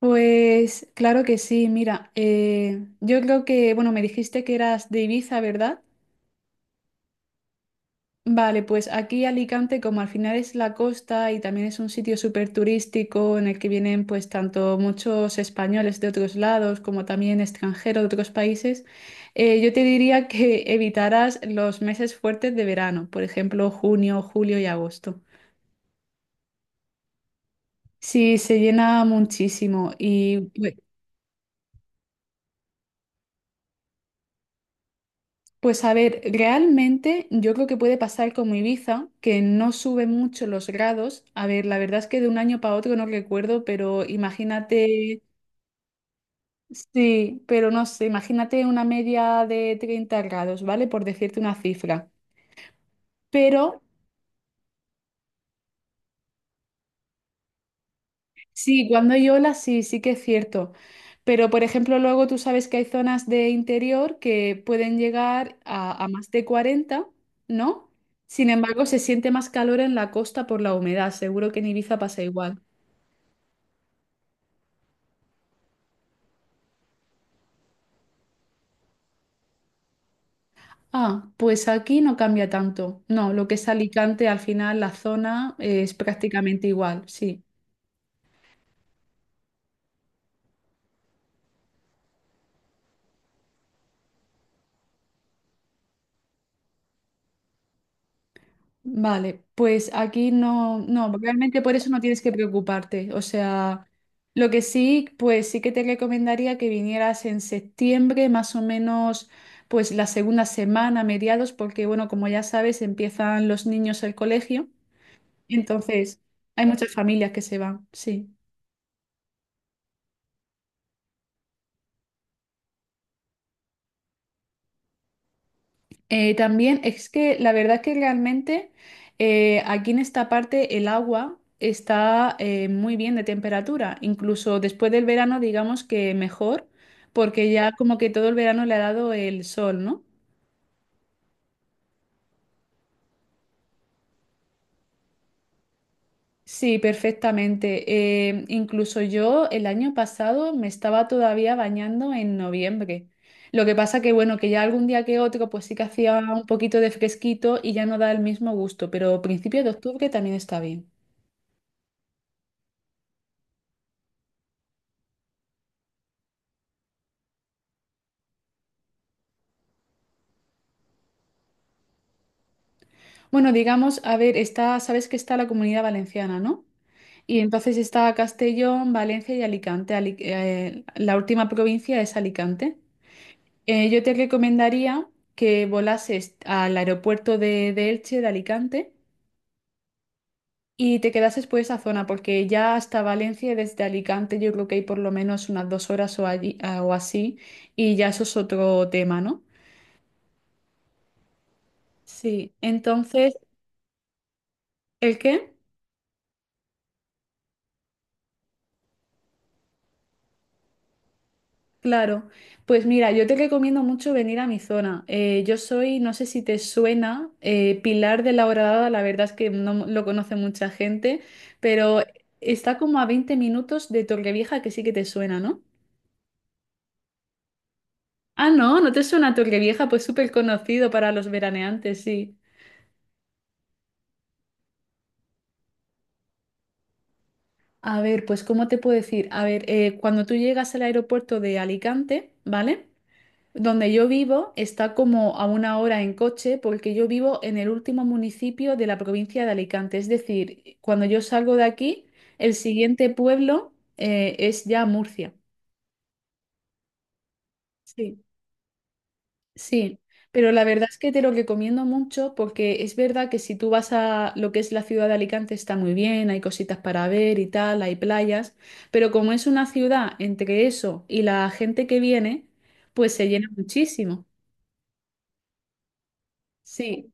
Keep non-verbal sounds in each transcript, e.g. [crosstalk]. Pues claro que sí, mira, yo creo que, bueno, me dijiste que eras de Ibiza, ¿verdad? Vale, pues aquí Alicante, como al final es la costa y también es un sitio súper turístico en el que vienen pues tanto muchos españoles de otros lados como también extranjeros de otros países, yo te diría que [laughs] evitaras los meses fuertes de verano, por ejemplo, junio, julio y agosto. Sí, se llena muchísimo y... Pues a ver, realmente yo creo que puede pasar como Ibiza, que no sube mucho los grados. A ver, la verdad es que de un año para otro no recuerdo, pero imagínate, sí, pero no sé, imagínate una media de 30 grados, ¿vale? Por decirte una cifra. Pero sí, cuando hay olas sí, sí que es cierto. Pero, por ejemplo, luego tú sabes que hay zonas de interior que pueden llegar a más de 40, ¿no? Sin embargo, se siente más calor en la costa por la humedad. Seguro que en Ibiza pasa igual. Ah, pues aquí no cambia tanto. No, lo que es Alicante, al final la zona es prácticamente igual, sí. Vale, pues aquí no, no, realmente por eso no tienes que preocuparte. O sea, lo que sí, pues sí que te recomendaría que vinieras en septiembre, más o menos, pues la segunda semana, mediados, porque bueno, como ya sabes, empiezan los niños el colegio. Entonces, hay muchas familias que se van, sí. También es que la verdad que realmente aquí en esta parte el agua está muy bien de temperatura, incluso después del verano digamos que mejor, porque ya como que todo el verano le ha dado el sol, ¿no? Sí, perfectamente. Incluso yo el año pasado me estaba todavía bañando en noviembre. Lo que pasa que bueno, que ya algún día que otro pues sí que hacía un poquito de fresquito y ya no da el mismo gusto, pero principio de octubre también está bien. Bueno, digamos, a ver, está, sabes que está la Comunidad Valenciana, ¿no? Y entonces está Castellón, Valencia y Alicante. La última provincia es Alicante. Yo te recomendaría que volases al aeropuerto de Elche, de Alicante, y te quedases por esa zona, porque ya hasta Valencia, desde Alicante, yo creo que hay por lo menos unas 2 horas o, allí, ah, o así, y ya eso es otro tema, ¿no? Sí, entonces, ¿el qué? Claro, pues mira, yo te recomiendo mucho venir a mi zona. Yo soy, no sé si te suena, Pilar de la Horadada, la verdad es que no lo conoce mucha gente, pero está como a 20 minutos de Torrevieja, que sí que te suena, ¿no? Ah, no, ¿no te suena Torrevieja? Pues súper conocido para los veraneantes, sí. A ver, pues ¿cómo te puedo decir? A ver, cuando tú llegas al aeropuerto de Alicante, ¿vale? Donde yo vivo está como a una hora en coche porque yo vivo en el último municipio de la provincia de Alicante. Es decir, cuando yo salgo de aquí, el siguiente pueblo es ya Murcia. Sí. Sí, pero la verdad es que te lo recomiendo mucho porque es verdad que si tú vas a lo que es la ciudad de Alicante está muy bien, hay cositas para ver y tal, hay playas, pero como es una ciudad entre eso y la gente que viene, pues se llena muchísimo. Sí.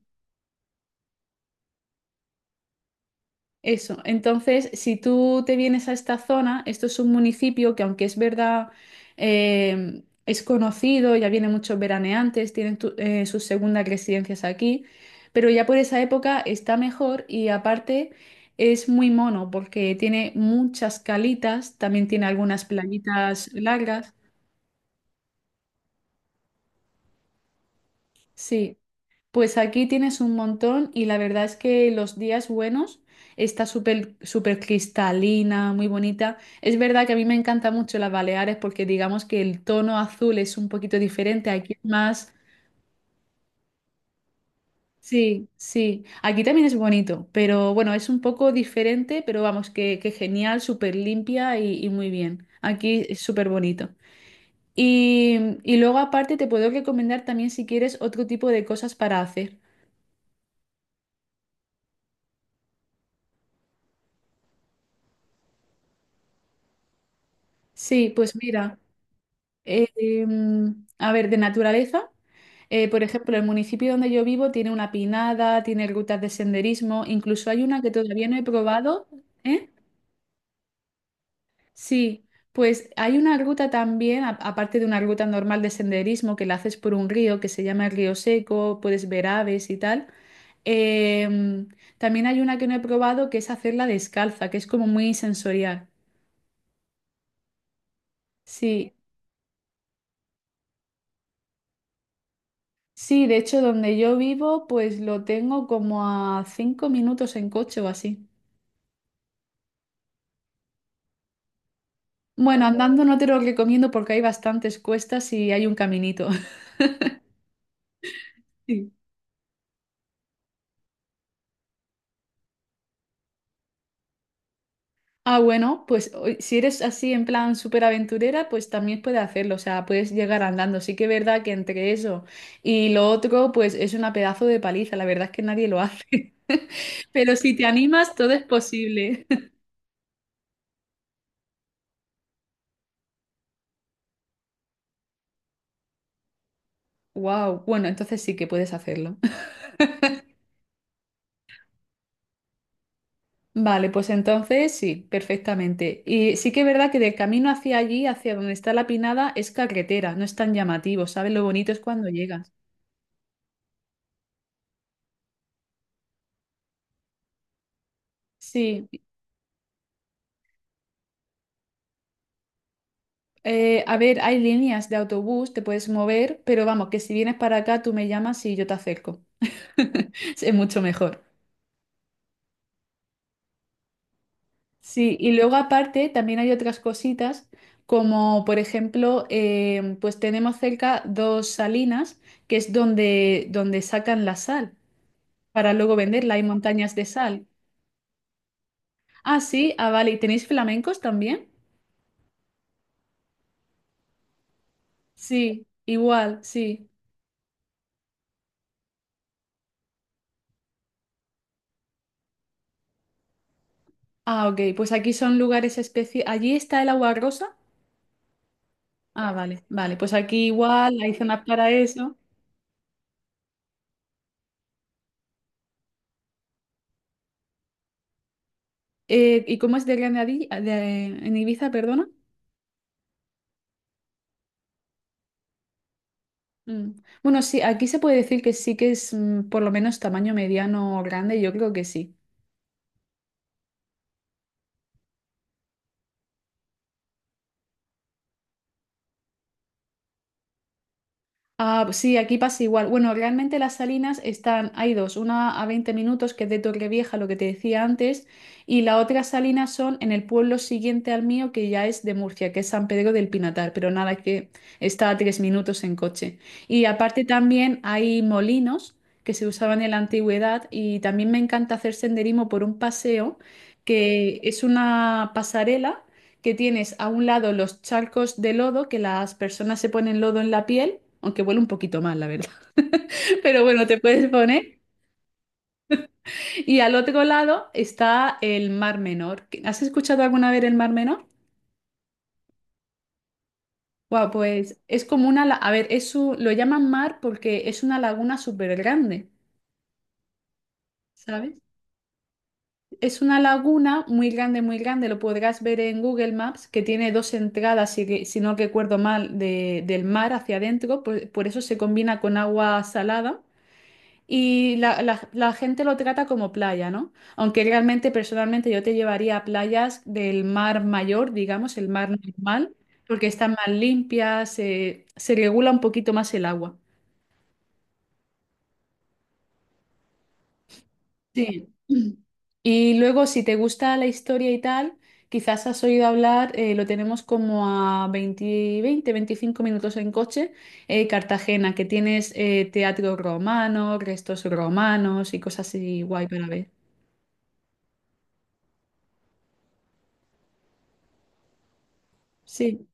Eso, entonces, si tú te vienes a esta zona, esto es un municipio que aunque es verdad, es conocido, ya vienen muchos veraneantes, tienen sus segundas residencias aquí, pero ya por esa época está mejor y aparte es muy mono porque tiene muchas calitas, también tiene algunas playitas largas, sí. Pues aquí tienes un montón y la verdad es que los días buenos está súper súper cristalina, muy bonita. Es verdad que a mí me encanta mucho las Baleares porque digamos que el tono azul es un poquito diferente, aquí es más... Sí, sí, aquí también es bonito, pero bueno, es un poco diferente, pero vamos, que genial, súper limpia y muy bien. Aquí es súper bonito. Y y luego aparte te puedo recomendar también si quieres otro tipo de cosas para hacer. Sí, pues mira. A ver, de naturaleza. Por ejemplo, el municipio donde yo vivo tiene una pinada, tiene rutas de senderismo, incluso hay una que todavía no he probado. ¿Eh? Sí, pues hay una ruta también, aparte de una ruta normal de senderismo que la haces por un río que se llama el Río Seco, puedes ver aves y tal. Em, también hay una que no he probado que es hacerla descalza, que es como muy sensorial. Sí. Sí, de hecho, donde yo vivo, pues lo tengo como a 5 minutos en coche o así. Bueno, andando no te lo recomiendo porque hay bastantes cuestas y hay un caminito. [laughs] Sí. Ah, bueno, pues si eres así en plan súper aventurera, pues también puedes hacerlo, o sea, puedes llegar andando. Sí que es verdad que entre eso y lo otro, pues es una pedazo de paliza, la verdad es que nadie lo hace. [laughs] Pero si te animas, todo es posible. [laughs] Wow, bueno, entonces sí que puedes hacerlo. Vale, pues entonces sí, perfectamente. Y sí que es verdad que del camino hacia allí, hacia donde está la Pinada, es carretera, no es tan llamativo, ¿sabes? Lo bonito es cuando llegas. Sí, a ver, hay líneas de autobús, te puedes mover, pero vamos, que si vienes para acá, tú me llamas y yo te acerco. [laughs] Es mucho mejor. Sí, y luego aparte también hay otras cositas, como por ejemplo, pues tenemos cerca dos salinas, que es donde, sacan la sal, para luego venderla. Hay montañas de sal. Ah, sí, ah, vale. ¿Y tenéis flamencos también? Sí, igual, sí. Ah, ok, pues aquí son lugares especiales. ¿Allí está el agua rosa? Ah, vale, vale. Pues aquí igual hay zonas para eso. ¿Y cómo es de grande en Ibiza, perdona? Mm. Bueno, sí, aquí se puede decir que sí que es por lo menos tamaño mediano o grande, yo creo que sí. Ah, sí, aquí pasa igual. Bueno, realmente las salinas están, hay dos, una a 20 minutos, que es de Torrevieja, lo que te decía antes, y la otra salina son en el pueblo siguiente al mío, que ya es de Murcia, que es San Pedro del Pinatar, pero nada, que está a 3 minutos en coche. Y aparte también hay molinos que se usaban en la antigüedad y también me encanta hacer senderismo por un paseo, que es una pasarela que tienes a un lado los charcos de lodo, que las personas se ponen lodo en la piel, aunque huele un poquito mal, la verdad. [laughs] Pero bueno, te puedes poner. Y al otro lado está el Mar Menor. ¿Has escuchado alguna vez el Mar Menor? Wow, pues es como una, a ver, lo llaman mar porque es una laguna súper grande, ¿sabes? Es una laguna muy grande, lo podrás ver en Google Maps, que tiene dos entradas, si, si no recuerdo mal, del mar hacia adentro, por eso se combina con agua salada y la gente lo trata como playa, ¿no? Aunque realmente personalmente yo te llevaría a playas del mar mayor, digamos, el mar normal, porque están más limpias, se regula un poquito más el agua. Sí. [clears throat] Y luego, si te gusta la historia y tal, quizás has oído hablar, lo tenemos como a 20, 20, 25 minutos en coche, Cartagena, que tienes teatro romano, restos romanos y cosas así guay para ver. Sí,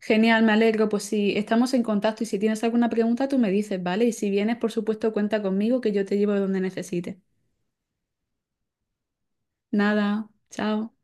genial, me alegro. Pues si estamos en contacto y si tienes alguna pregunta, tú me dices, ¿vale? Y si vienes, por supuesto, cuenta conmigo que yo te llevo donde necesites. Nada, chao.